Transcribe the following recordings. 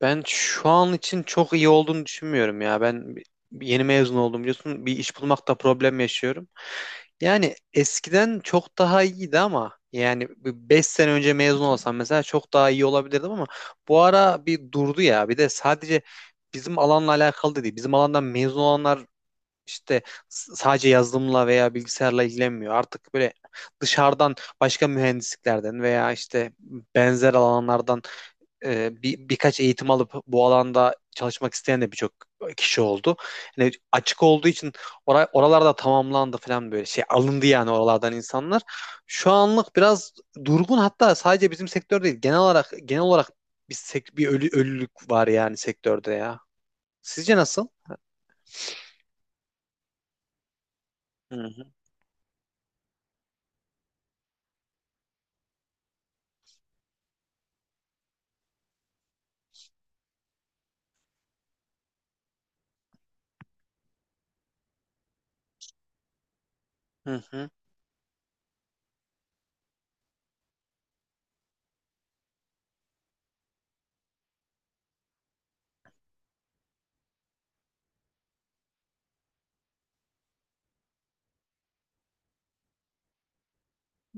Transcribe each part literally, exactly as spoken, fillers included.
Ben şu an için çok iyi olduğunu düşünmüyorum ya. Ben bi- yeni mezun oldum biliyorsun. Bir iş bulmakta problem yaşıyorum. Yani eskiden çok daha iyiydi ama yani beş sene önce mezun olsam mesela çok daha iyi olabilirdim ama bu ara bir durdu ya. Bir de sadece bizim alanla alakalı da değil. Bizim alandan mezun olanlar işte s- sadece yazılımla veya bilgisayarla ilgilenmiyor. Artık böyle dışarıdan başka mühendisliklerden veya işte benzer alanlardan e, bir, birkaç eğitim alıp bu alanda çalışmak isteyen de birçok kişi oldu. Yani açık olduğu için ora- oralarda tamamlandı falan böyle şey alındı yani oralardan insanlar. Şu anlık biraz durgun, hatta sadece bizim sektör değil genel olarak genel olarak bir, sek- bir ölü, ölülük var yani sektörde ya. Sizce nasıl? Hı hı, hı hı.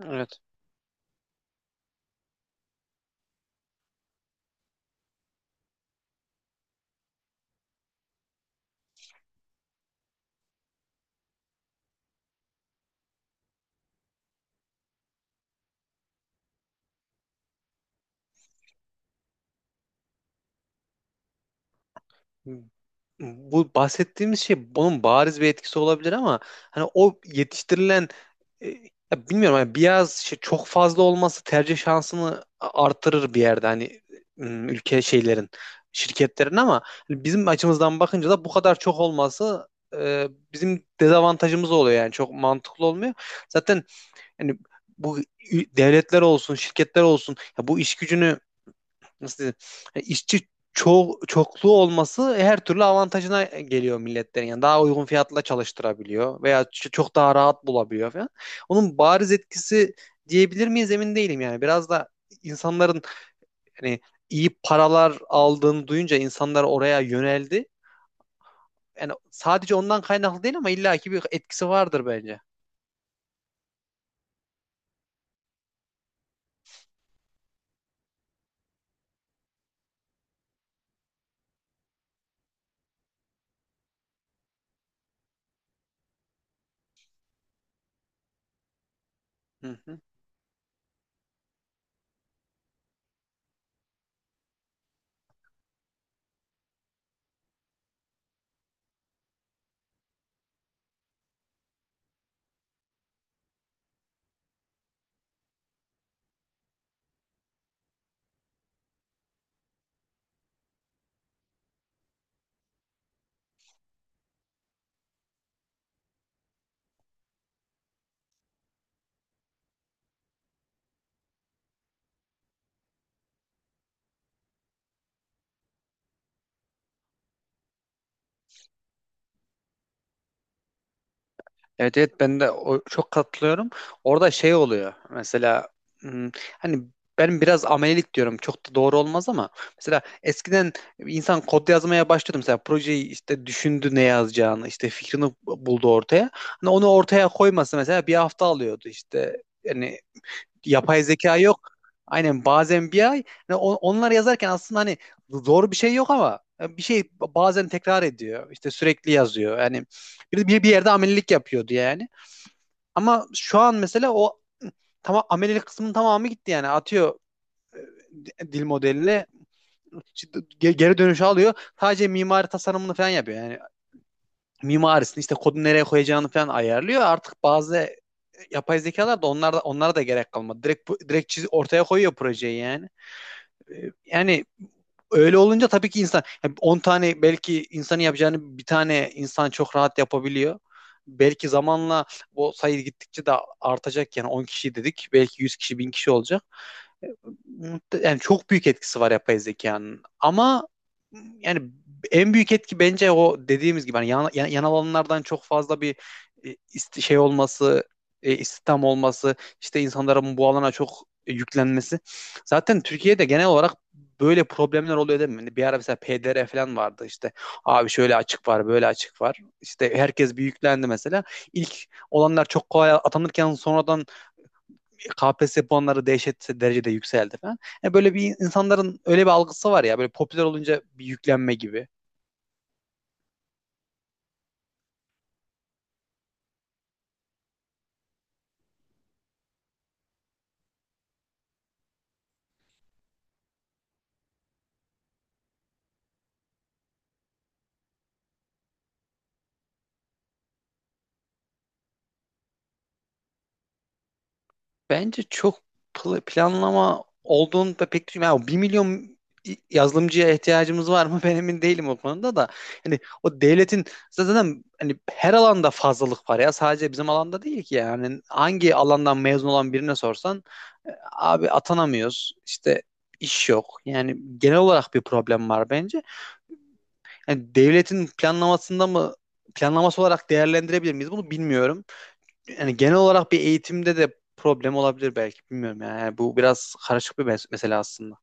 Evet. Bu bahsettiğimiz şey bunun bariz bir etkisi olabilir ama hani o yetiştirilen, e, ya bilmiyorum, hani biraz şey çok fazla olması tercih şansını a- artırır bir yerde, hani m, ülke şeylerin, şirketlerin ama hani bizim açımızdan bakınca da bu kadar çok olması e, bizim dezavantajımız oluyor, yani çok mantıklı olmuyor. Zaten hani bu ü- devletler olsun, şirketler olsun, ya bu iş gücünü nasıl diyeyim, e, işçi ço çokluğu olması her türlü avantajına geliyor milletlerin. Yani daha uygun fiyatla çalıştırabiliyor veya ç- çok daha rahat bulabiliyor falan. Onun bariz etkisi diyebilir miyiz, emin değilim yani. Biraz da insanların hani iyi paralar aldığını duyunca insanlar oraya yöneldi. Yani sadece ondan kaynaklı değil ama illaki bir etkisi vardır bence. Hı. Evet evet, ben de o, çok katılıyorum. Orada şey oluyor mesela, hmm, hani ben biraz amelilik diyorum, çok da doğru olmaz ama mesela eskiden insan kod yazmaya başlıyordu, mesela projeyi işte düşündü, ne yazacağını işte fikrini buldu ortaya. Hani onu ortaya koyması mesela bir hafta alıyordu işte, yani yapay zeka yok. Aynen, bazen bir ay. Yani on- onları yazarken aslında hani zor bir şey yok ama e, bir şey bazen tekrar ediyor. İşte sürekli yazıyor. Yani bir, bir, bir yerde amelilik yapıyordu yani. Ama şu an mesela o tamam, amelilik kısmının tamamı gitti yani. Atıyor e, dil modeline, işte ge- geri dönüşü alıyor. Sadece mimari tasarımını falan yapıyor. Yani mimarisini, işte kodu nereye koyacağını falan ayarlıyor. Artık bazı e, yapay zekalar da, onlar da, onlara da gerek kalmadı. Direkt bu- direkt çiz, ortaya koyuyor projeyi yani. e, yani Öyle olunca tabii ki insan, yani on tane belki insanın yapacağını bir tane insan çok rahat yapabiliyor. Belki zamanla bu sayı gittikçe de artacak, yani on kişi dedik, belki yüz kişi, bin kişi olacak. Muhte- yani çok büyük etkisi var yapay zekanın. Ama yani en büyük etki bence o dediğimiz gibi, hani yan, yan- yanal alanlardan çok fazla bir e, ist- şey olması, e, istihdam olması, işte insanların bu alana çok e, yüklenmesi. Zaten Türkiye'de genel olarak böyle problemler oluyor, değil mi? Hani bir ara mesela P D R falan vardı işte. Abi şöyle açık var, böyle açık var. İşte herkes bir yüklendi mesela. İlk olanlar çok kolay atanırken sonradan K P S S puanları dehşet derecede yükseldi falan. Yani böyle bir, insanların öyle bir algısı var ya, böyle popüler olunca bir yüklenme gibi. Bence çok pl- planlama olduğunu da pek düşünmüyorum. Yani bir milyon yazılımcıya ihtiyacımız var mı? Ben emin değilim o konuda da. Hani o devletin, zaten hani her alanda fazlalık var ya. Sadece bizim alanda değil ki yani. Hangi alandan mezun olan birine sorsan, e, abi atanamıyoruz. İşte iş yok. Yani genel olarak bir problem var bence. Yani devletin planlamasında mı, planlaması olarak değerlendirebilir miyiz? Bunu bilmiyorum. Yani genel olarak bir eğitimde de problem olabilir belki. Bilmiyorum yani. Yani bu biraz karışık bir mes- mesele aslında.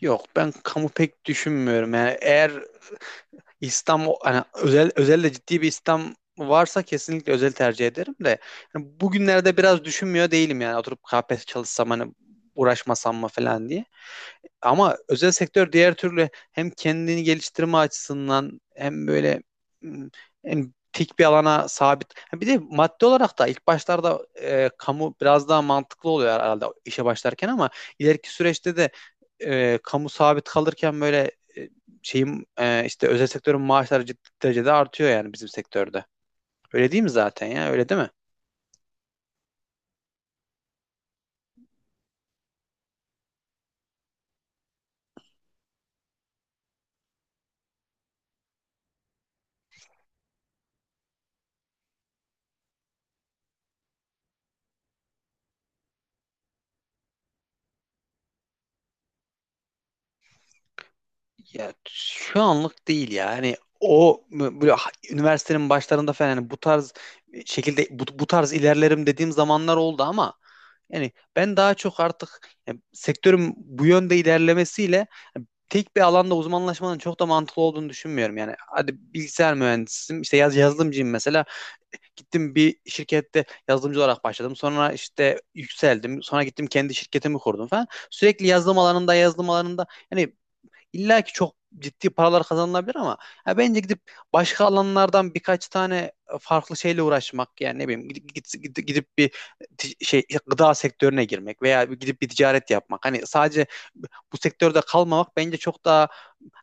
Yok, ben kamu pek düşünmüyorum. Yani eğer İslam, hani özel özelde ciddi bir İslam varsa kesinlikle özel tercih ederim de, yani bugünlerde biraz düşünmüyor değilim yani, oturup K P S S çalışsam, hani uğraşmasam mı falan diye. Ama özel sektör diğer türlü hem kendini geliştirme açısından, hem böyle hmm, hem tek bir alana sabit. Ha, bir de maddi olarak da ilk başlarda e, kamu biraz daha mantıklı oluyor herhalde işe başlarken, ama ileriki süreçte de e, kamu sabit kalırken böyle, e, şeyin, e, işte özel sektörün maaşları ciddi derecede artıyor yani bizim sektörde. Öyle değil mi zaten ya? Öyle değil mi? Ya şu anlık değil ya. Hani o m- böyle ha- üniversitenin başlarında falan, hani bu tarz şekilde bu, bu tarz ilerlerim dediğim zamanlar oldu ama yani ben daha çok artık, yani sektörün bu yönde ilerlemesiyle, yani tek bir alanda uzmanlaşmanın çok da mantıklı olduğunu düşünmüyorum. Yani hadi bilgisayar mühendisiyim, işte yaz, yazılımcıyım mesela, gittim bir şirkette yazılımcı olarak başladım, sonra işte yükseldim, sonra gittim kendi şirketimi kurdum falan, sürekli yazılım alanında, yazılım alanında, yani İlla ki çok ciddi paralar kazanılabilir ama ya bence gidip başka alanlardan birkaç tane e, farklı şeyle uğraşmak, yani ne bileyim, gidip, gidip, gidip bir ti- şey, gıda sektörüne girmek veya bir gidip bir ticaret yapmak. Hani sadece bu sektörde kalmamak bence çok daha,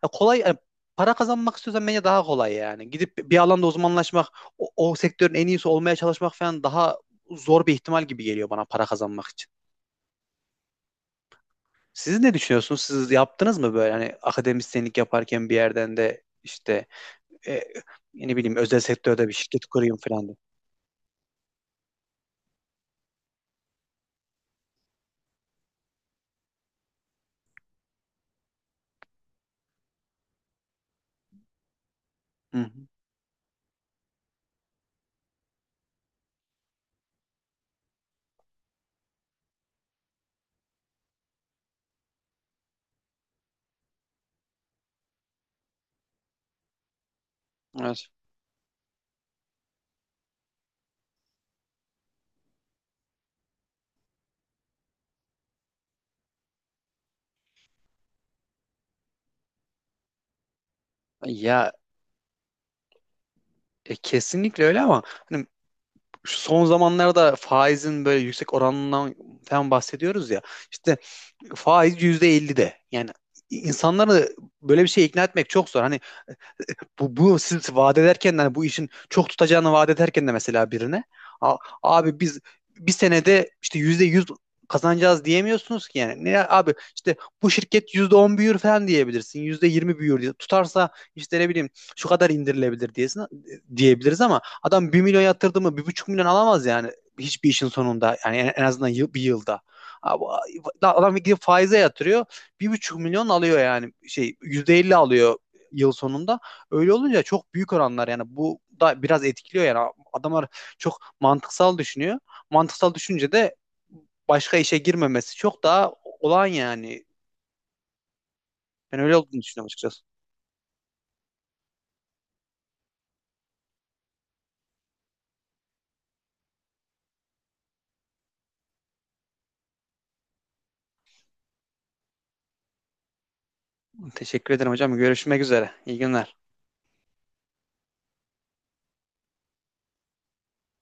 ya kolay yani, para kazanmak istiyorsan bence daha kolay yani. Gidip bir alanda uzmanlaşmak, o, o sektörün en iyisi olmaya çalışmak falan daha zor bir ihtimal gibi geliyor bana para kazanmak için. Siz ne düşünüyorsunuz? Siz yaptınız mı böyle, hani akademisyenlik yaparken bir yerden de işte e, ne bileyim özel sektörde bir şirket kurayım falan diye. Hı hı. Evet. Ya e, kesinlikle öyle ama hani şu son zamanlarda faizin böyle yüksek oranından falan bahsediyoruz ya. İşte faiz yüzde elli de. Yani insanları böyle bir şey ikna etmek çok zor. Hani bu, bu siz vaat ederken de, hani bu işin çok tutacağını vaat ederken de mesela birine "A- Abi biz bir senede işte yüzde yüz kazanacağız" diyemiyorsunuz ki yani. Ne abi, işte bu şirket yüzde on büyür falan diyebilirsin. Yüzde yirmi büyür diye. Tutarsa işte ne bileyim şu kadar indirilebilir diyesin, diyebiliriz ama adam bir milyon yatırdı mı bir buçuk milyon alamaz yani hiçbir işin sonunda, yani en, en azından yıl- bir yılda. Abi, adam gidip faize yatırıyor. Bir buçuk milyon alıyor, yani şey, yüzde elli alıyor yıl sonunda. Öyle olunca çok büyük oranlar, yani bu da biraz etkiliyor yani, adamlar çok mantıksal düşünüyor. Mantıksal düşünce de başka işe girmemesi çok daha olağan yani. Ben öyle olduğunu düşünüyorum açıkçası. Teşekkür ederim hocam. Görüşmek üzere. İyi günler.